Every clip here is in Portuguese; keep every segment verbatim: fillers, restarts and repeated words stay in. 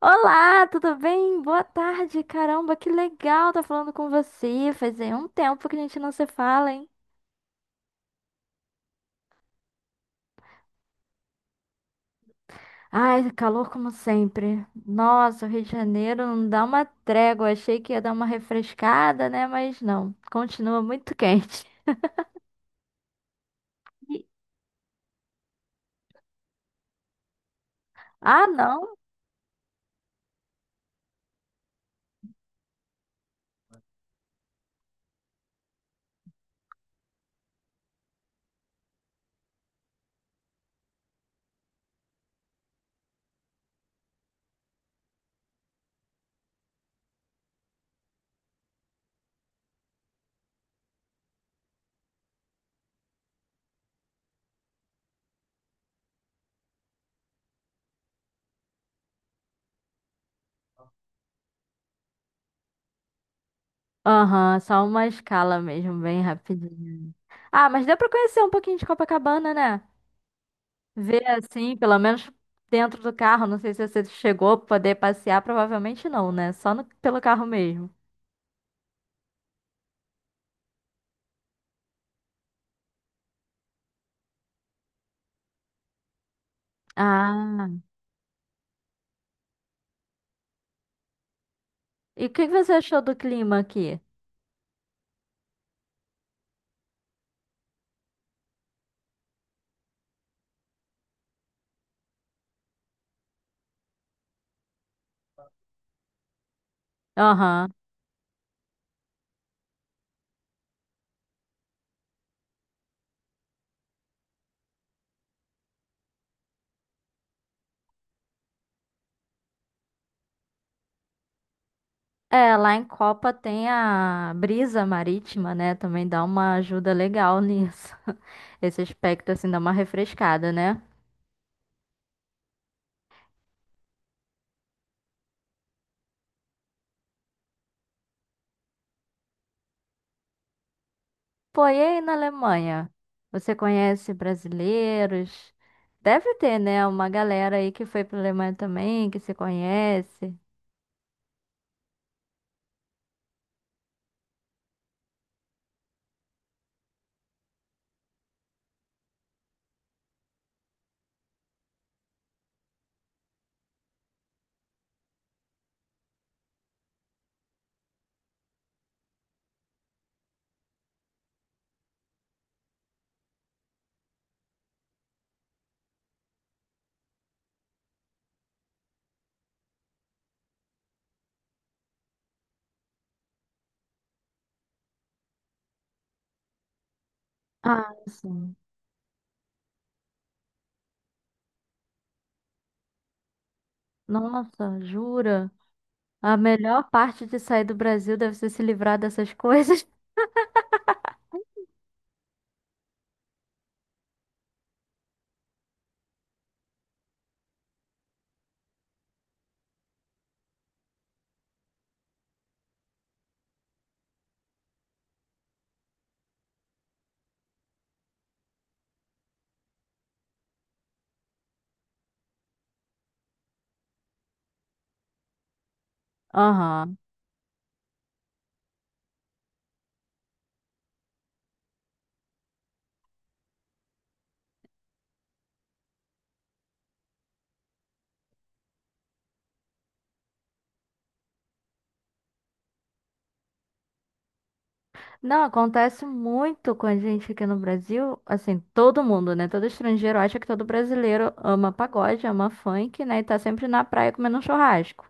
Olá, tudo bem? Boa tarde. Caramba, que legal tá falando com você. Fazia um tempo que a gente não se fala, hein? Ai, calor como sempre. Nossa, o Rio de Janeiro não dá uma trégua. Achei que ia dar uma refrescada, né? Mas não, continua muito quente. E- Ah, não? Aham, só uma escala mesmo, bem rapidinho. Ah, mas deu pra conhecer um pouquinho de Copacabana, né? Ver assim, pelo menos dentro do carro. Não sei se você chegou a poder passear, provavelmente não, né? Só no- pelo carro mesmo. Ah, e o que que você achou do clima aqui? Aham. É, lá em Copa tem a brisa marítima, né? Também dá uma ajuda legal nisso. Esse aspecto, assim, dá uma refrescada, né? Pô, e aí na Alemanha? Você conhece brasileiros? Deve ter, né? Uma galera aí que foi pra Alemanha também, que se conhece. Ah, sim. Nossa, jura? A melhor parte de sair do Brasil deve ser se livrar dessas coisas. Aham. Não, acontece muito com a gente aqui no Brasil, assim, todo mundo, né? Todo estrangeiro acha que todo brasileiro ama pagode, ama funk, né? E tá sempre na praia comendo um churrasco.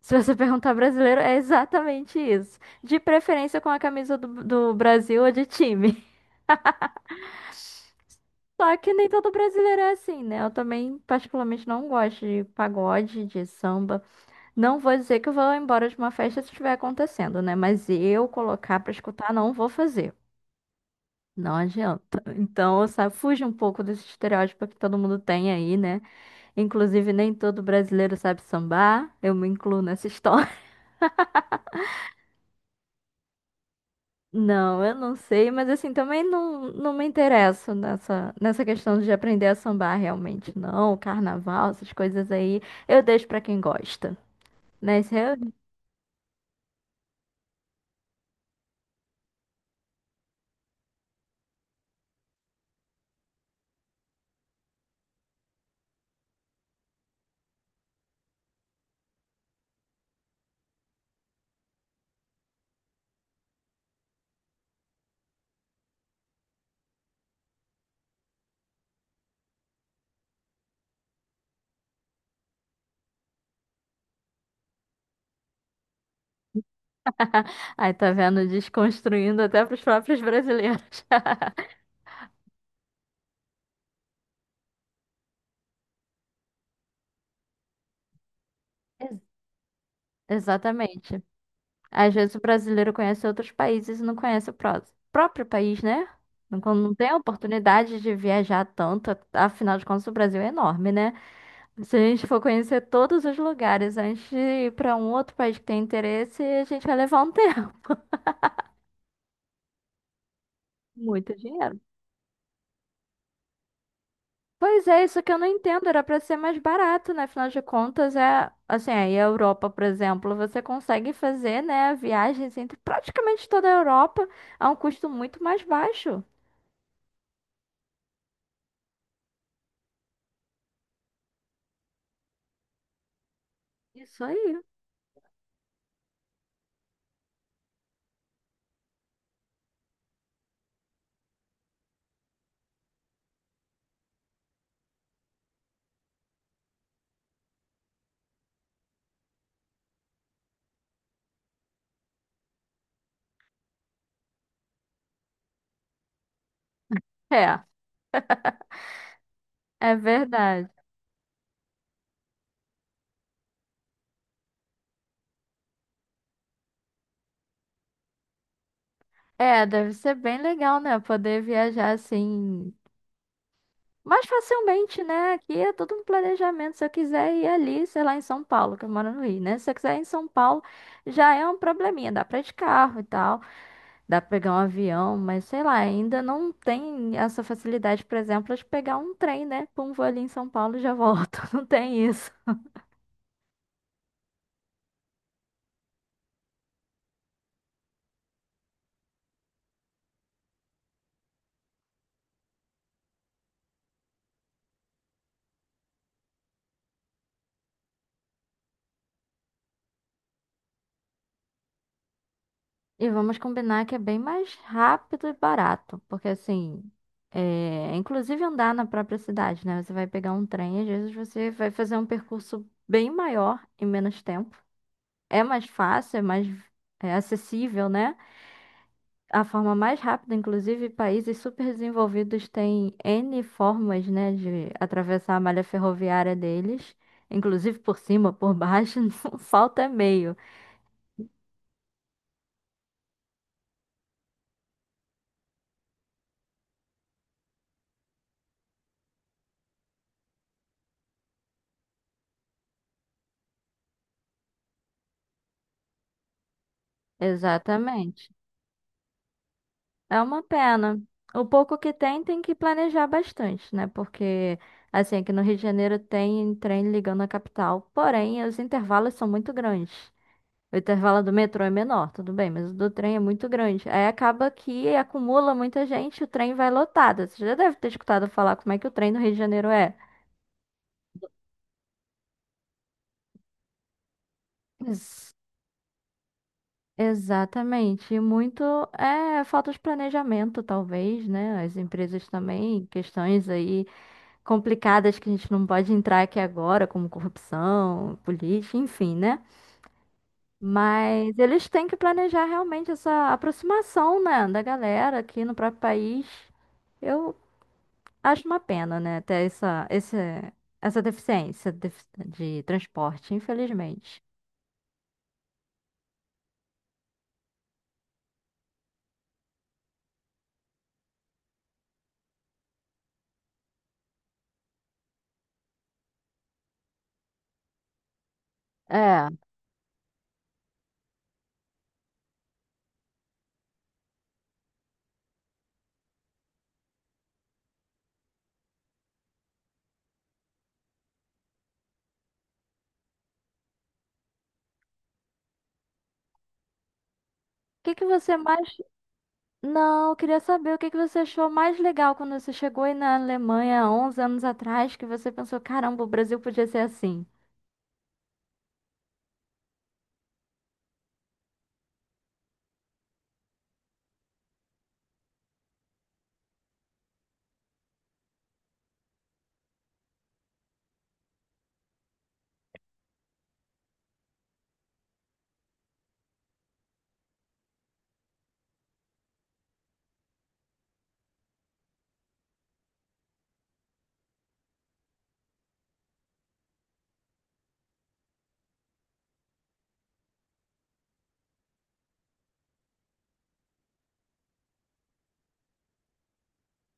Se você perguntar brasileiro, é exatamente isso. De preferência com a camisa do, do Brasil ou de time. Só que nem todo brasileiro é assim, né? Eu também, particularmente, não gosto de pagode, de samba. Não vou dizer que eu vou embora de uma festa se estiver acontecendo, né? Mas eu colocar pra escutar, não vou fazer. Não adianta. Então, sabe, fuja um pouco desse estereótipo que todo mundo tem aí, né? Inclusive, nem todo brasileiro sabe sambar. Eu me incluo nessa história. Não, eu não sei, mas assim, também não, não me interesso nessa, nessa questão de aprender a sambar realmente, não. Carnaval, essas coisas aí, eu deixo pra quem gosta. Né? Isso eu... Aí tá vendo, desconstruindo até pros próprios brasileiros. Ex- Exatamente. Às vezes o brasileiro conhece outros países e não conhece o pró- próprio país, né? Não- Quando não tem a oportunidade de viajar tanto, afinal de contas o Brasil é enorme, né? Se a gente for conhecer todos os lugares antes de ir para um outro país que tem interesse, a gente vai levar um tempo, muito dinheiro. Pois é, isso que eu não entendo, era para ser mais barato, né? Afinal de contas, é assim, aí a Europa, por exemplo, você consegue fazer, né, viagens entre praticamente toda a Europa a um custo muito mais baixo. Isso aí. É. É verdade. É, deve ser bem legal, né? Poder viajar assim mais facilmente, né? Aqui é tudo um planejamento. Se eu quiser ir ali, sei lá, em São Paulo, que eu moro no Rio, né? Se eu quiser ir em São Paulo, já é um probleminha. Dá pra ir de carro e tal, dá pra pegar um avião, mas sei lá, ainda não tem essa facilidade, por exemplo, de pegar um trem, né? Pum, vou ali em São Paulo e já volto. Não tem isso. E vamos combinar que é bem mais rápido e barato, porque assim, é, inclusive andar na própria cidade, né? Você vai pegar um trem, às vezes você vai fazer um percurso bem maior em menos tempo. É mais fácil, é mais é acessível, né? A forma mais rápida, inclusive, países super desenvolvidos têm N formas, né, de atravessar a malha ferroviária deles, inclusive por cima, por baixo, não falta meio. Exatamente. É uma pena. O pouco que tem, tem que planejar bastante, né? Porque, assim, aqui no Rio de Janeiro tem trem ligando à capital. Porém, os intervalos são muito grandes. O intervalo do metrô é menor, tudo bem, mas o do trem é muito grande. Aí acaba que acumula muita gente, o trem vai lotado. Você já deve ter escutado falar como é que o trem no Rio de Janeiro é. Ex- Exatamente. E muito é falta de planejamento, talvez, né? As empresas também, questões aí complicadas que a gente não pode entrar aqui agora, como corrupção, política, enfim, né? Mas eles têm que planejar realmente essa aproximação, né, da galera aqui no próprio país. Eu acho uma pena, né, ter essa, esse, essa deficiência de, de transporte, infelizmente. É. O que que você mais. Não, eu queria saber o que que você achou mais legal quando você chegou aí na Alemanha onze anos atrás, que você pensou, caramba, o Brasil podia ser assim.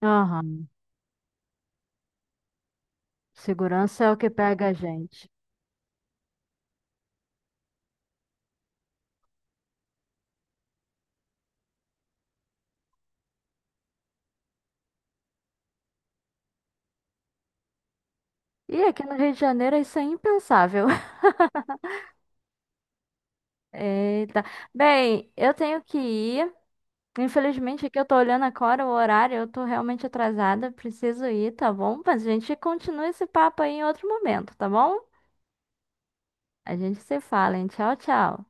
Aham. Segurança é o que pega a gente. E aqui no Rio de Janeiro isso é impensável. Eita. Bem, eu tenho que ir. Infelizmente, aqui eu tô olhando agora o horário, eu tô realmente atrasada, preciso ir, tá bom? Mas a gente continua esse papo aí em outro momento, tá bom? A gente se fala, hein? Tchau, tchau.